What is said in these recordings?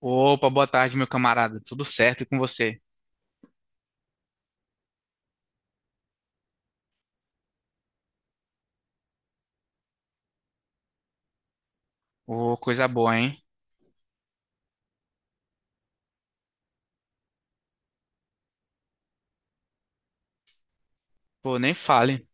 Opa, boa tarde, meu camarada. Tudo certo e com você? Ô, coisa boa, hein? Pô, nem fale.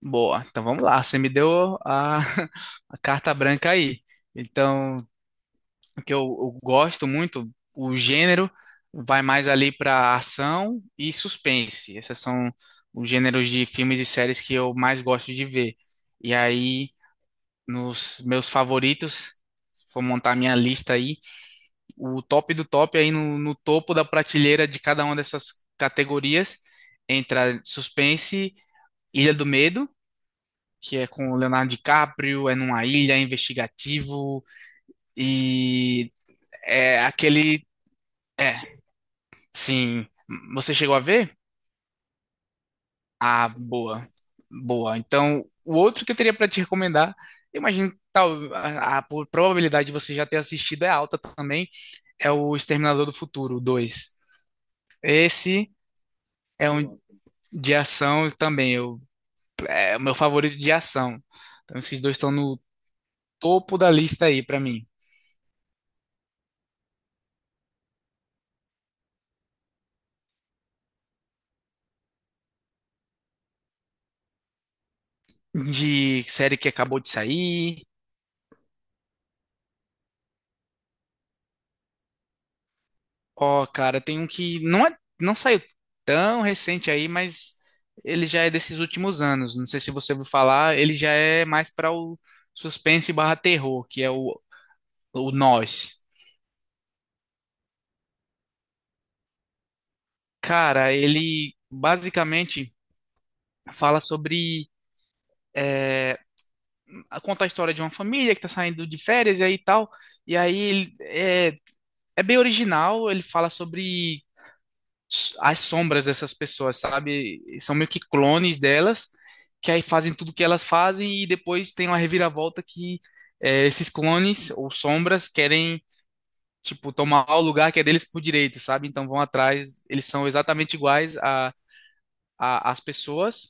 Boa, então vamos lá. Você me deu a, a carta branca aí. Então, o que eu gosto muito, o gênero vai mais ali para ação e suspense. Esses são os gêneros de filmes e séries que eu mais gosto de ver. E aí, nos meus favoritos, se for montar minha lista aí. O top do top aí no topo da prateleira de cada uma dessas categorias entra Suspense, Ilha do Medo, que é com o Leonardo DiCaprio, é numa ilha, é investigativo e é aquele, é, sim, você chegou a ver? Ah, boa. Boa. Então, o outro que eu teria para te recomendar, eu imagino que tal, a probabilidade de você já ter assistido é alta também, é o Exterminador do Futuro dois. Esse é um. De ação também, é o meu favorito de ação. Então, esses dois estão no topo da lista aí pra mim. De série que acabou de sair. Ó, cara, tem um que não saiu tão recente aí, mas ele já é desses últimos anos. Não sei se você ouviu falar, ele já é mais para o suspense barra terror, que é o Nós. Cara, ele basicamente fala sobre. é, Conta a história de uma família que tá saindo de férias e aí tal. E aí ele é, é bem original, ele fala sobre as sombras dessas pessoas, sabe? São meio que clones delas, que aí fazem tudo que elas fazem e depois tem uma reviravolta que é, esses clones ou sombras querem, tipo, tomar o lugar que é deles por direito, sabe? Então vão atrás, eles são exatamente iguais a as pessoas,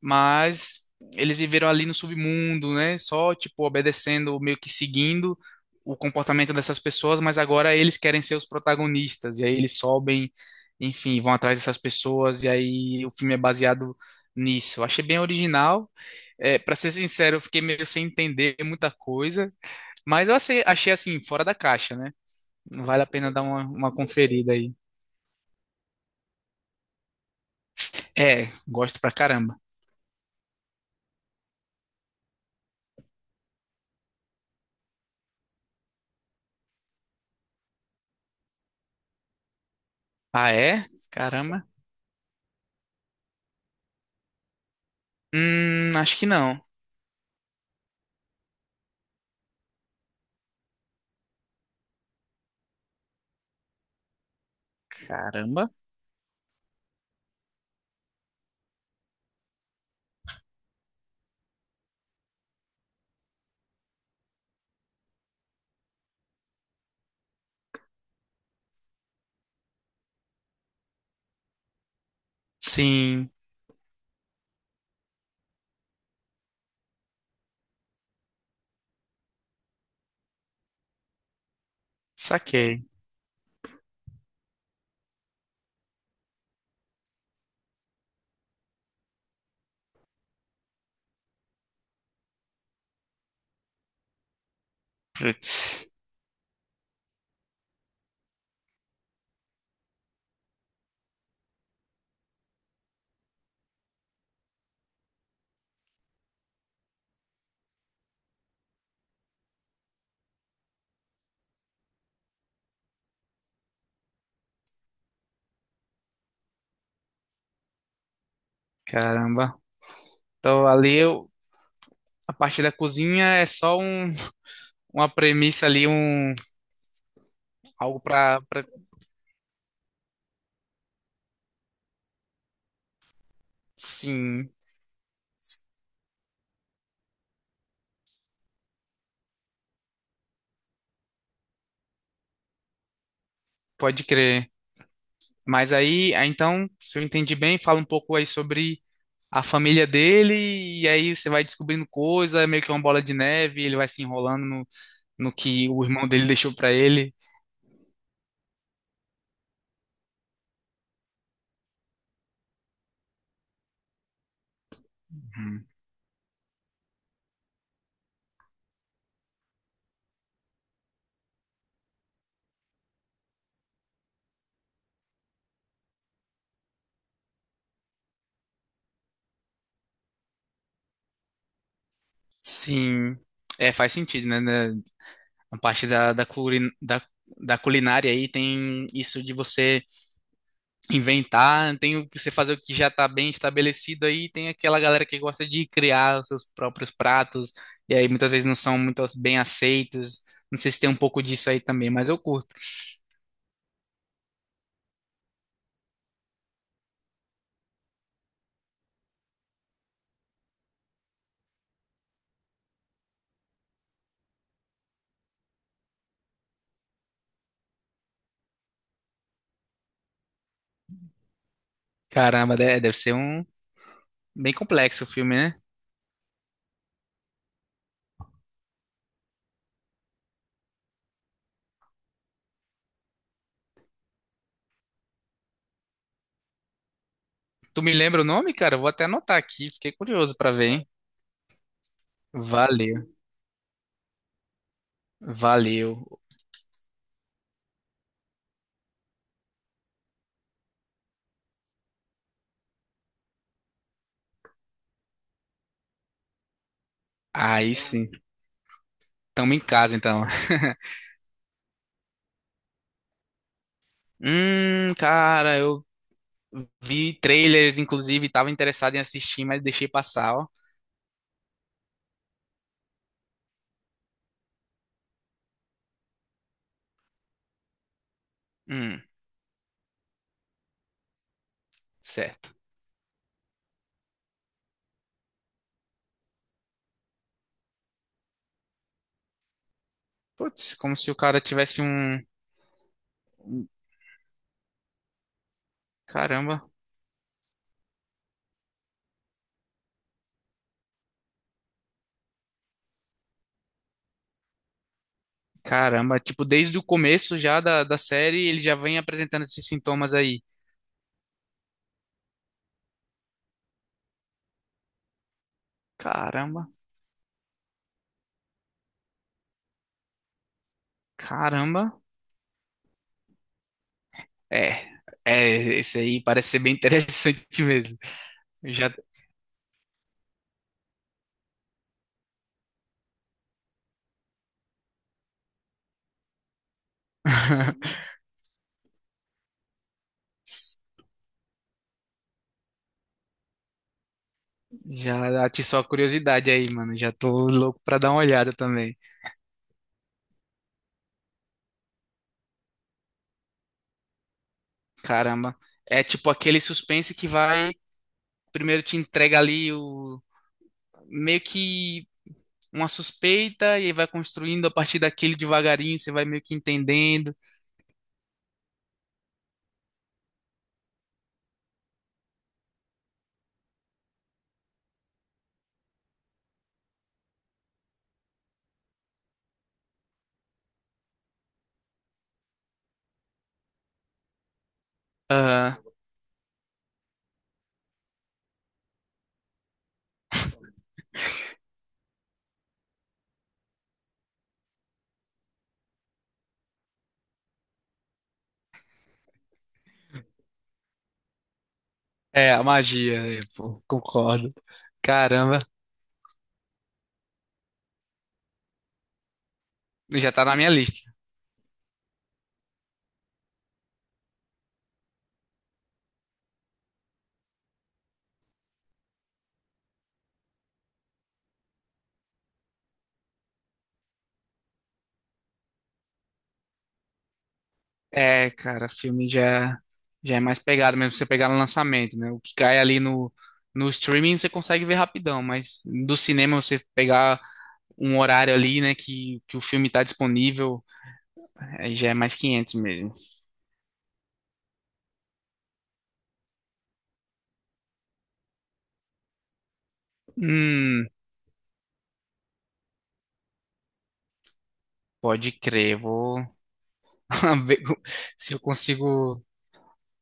mas eles viveram ali no submundo, né? Só, tipo, obedecendo, meio que seguindo o comportamento dessas pessoas, mas agora eles querem ser os protagonistas, e aí eles sobem, enfim, vão atrás dessas pessoas, e aí o filme é baseado nisso. Eu achei bem original. É, para ser sincero, eu fiquei meio sem entender muita coisa, mas eu achei, achei assim, fora da caixa, né? Vale a pena dar uma conferida aí. É, gosto pra caramba. Ah, é? Caramba. Acho que não. Caramba. Sim, saquei. Putz, caramba. Então ali a parte da cozinha é só um, uma premissa ali, um algo pra... Sim, pode crer. Mas aí, então, se eu entendi bem, fala um pouco aí sobre a família dele, e aí você vai descobrindo coisa, é meio que uma bola de neve, ele vai se enrolando no que o irmão dele deixou pra ele. Uhum. Sim. É, faz sentido, né? A parte da culinária aí tem isso de você inventar, tem o que você fazer o que já está bem estabelecido aí, tem aquela galera que gosta de criar os seus próprios pratos, e aí muitas vezes não são muito bem aceitos. Não sei se tem um pouco disso aí também, mas eu curto. Caramba, deve ser um bem complexo o filme, né? Tu me lembra o nome, cara? Eu vou até anotar aqui, fiquei curioso pra ver, hein? Valeu, valeu. Aí sim. Tamo em casa então. Cara, eu vi trailers, inclusive, estava interessado em assistir, mas deixei passar, ó. Hum, certo. Putz, como se o cara tivesse um. um- Caramba, caramba. Tipo, desde o começo já da série, ele já vem apresentando esses sintomas aí. Caramba, caramba. É, é, esse aí parece ser bem interessante mesmo. Eu já, já atiçou a curiosidade aí, mano. Já tô louco pra dar uma olhada também. Caramba. É tipo aquele suspense que vai. Primeiro te entrega ali o meio que uma suspeita e aí vai construindo a partir daquele devagarinho, você vai meio que entendendo. Aham. É, a magia, é, pô, concordo. Caramba, já tá na minha lista. É, cara, filme já é mais pegado mesmo, você pegar no lançamento, né? O que cai ali no streaming você consegue ver rapidão, mas do cinema você pegar um horário ali, né, que o filme tá disponível, aí já é mais quinhentos mesmo. Hum, pode crer, vou. ver se eu consigo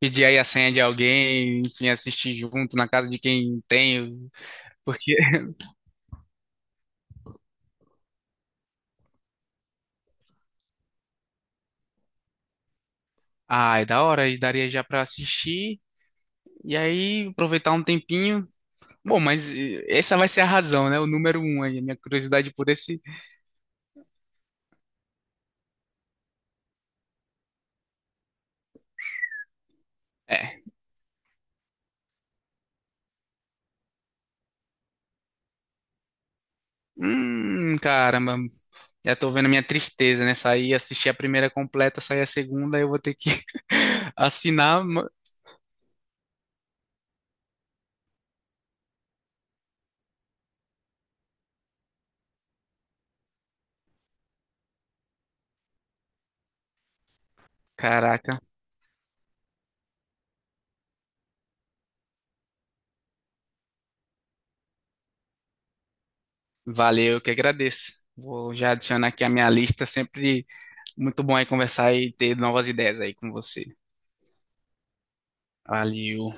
pedir aí a senha de alguém, enfim, assistir junto na casa de quem tem, porque ah, é da hora e daria já pra assistir e aí aproveitar um tempinho. Bom, mas essa vai ser a razão, né? O número um aí, a minha curiosidade por esse é. Caramba. Já tô vendo a minha tristeza, né? Sair, assistir a primeira completa, sair a segunda, eu vou ter que assinar. Caraca, valeu, eu que agradeço. Vou já adicionar aqui a minha lista sempre. Muito bom aí conversar e ter novas ideias aí com você. Valeu.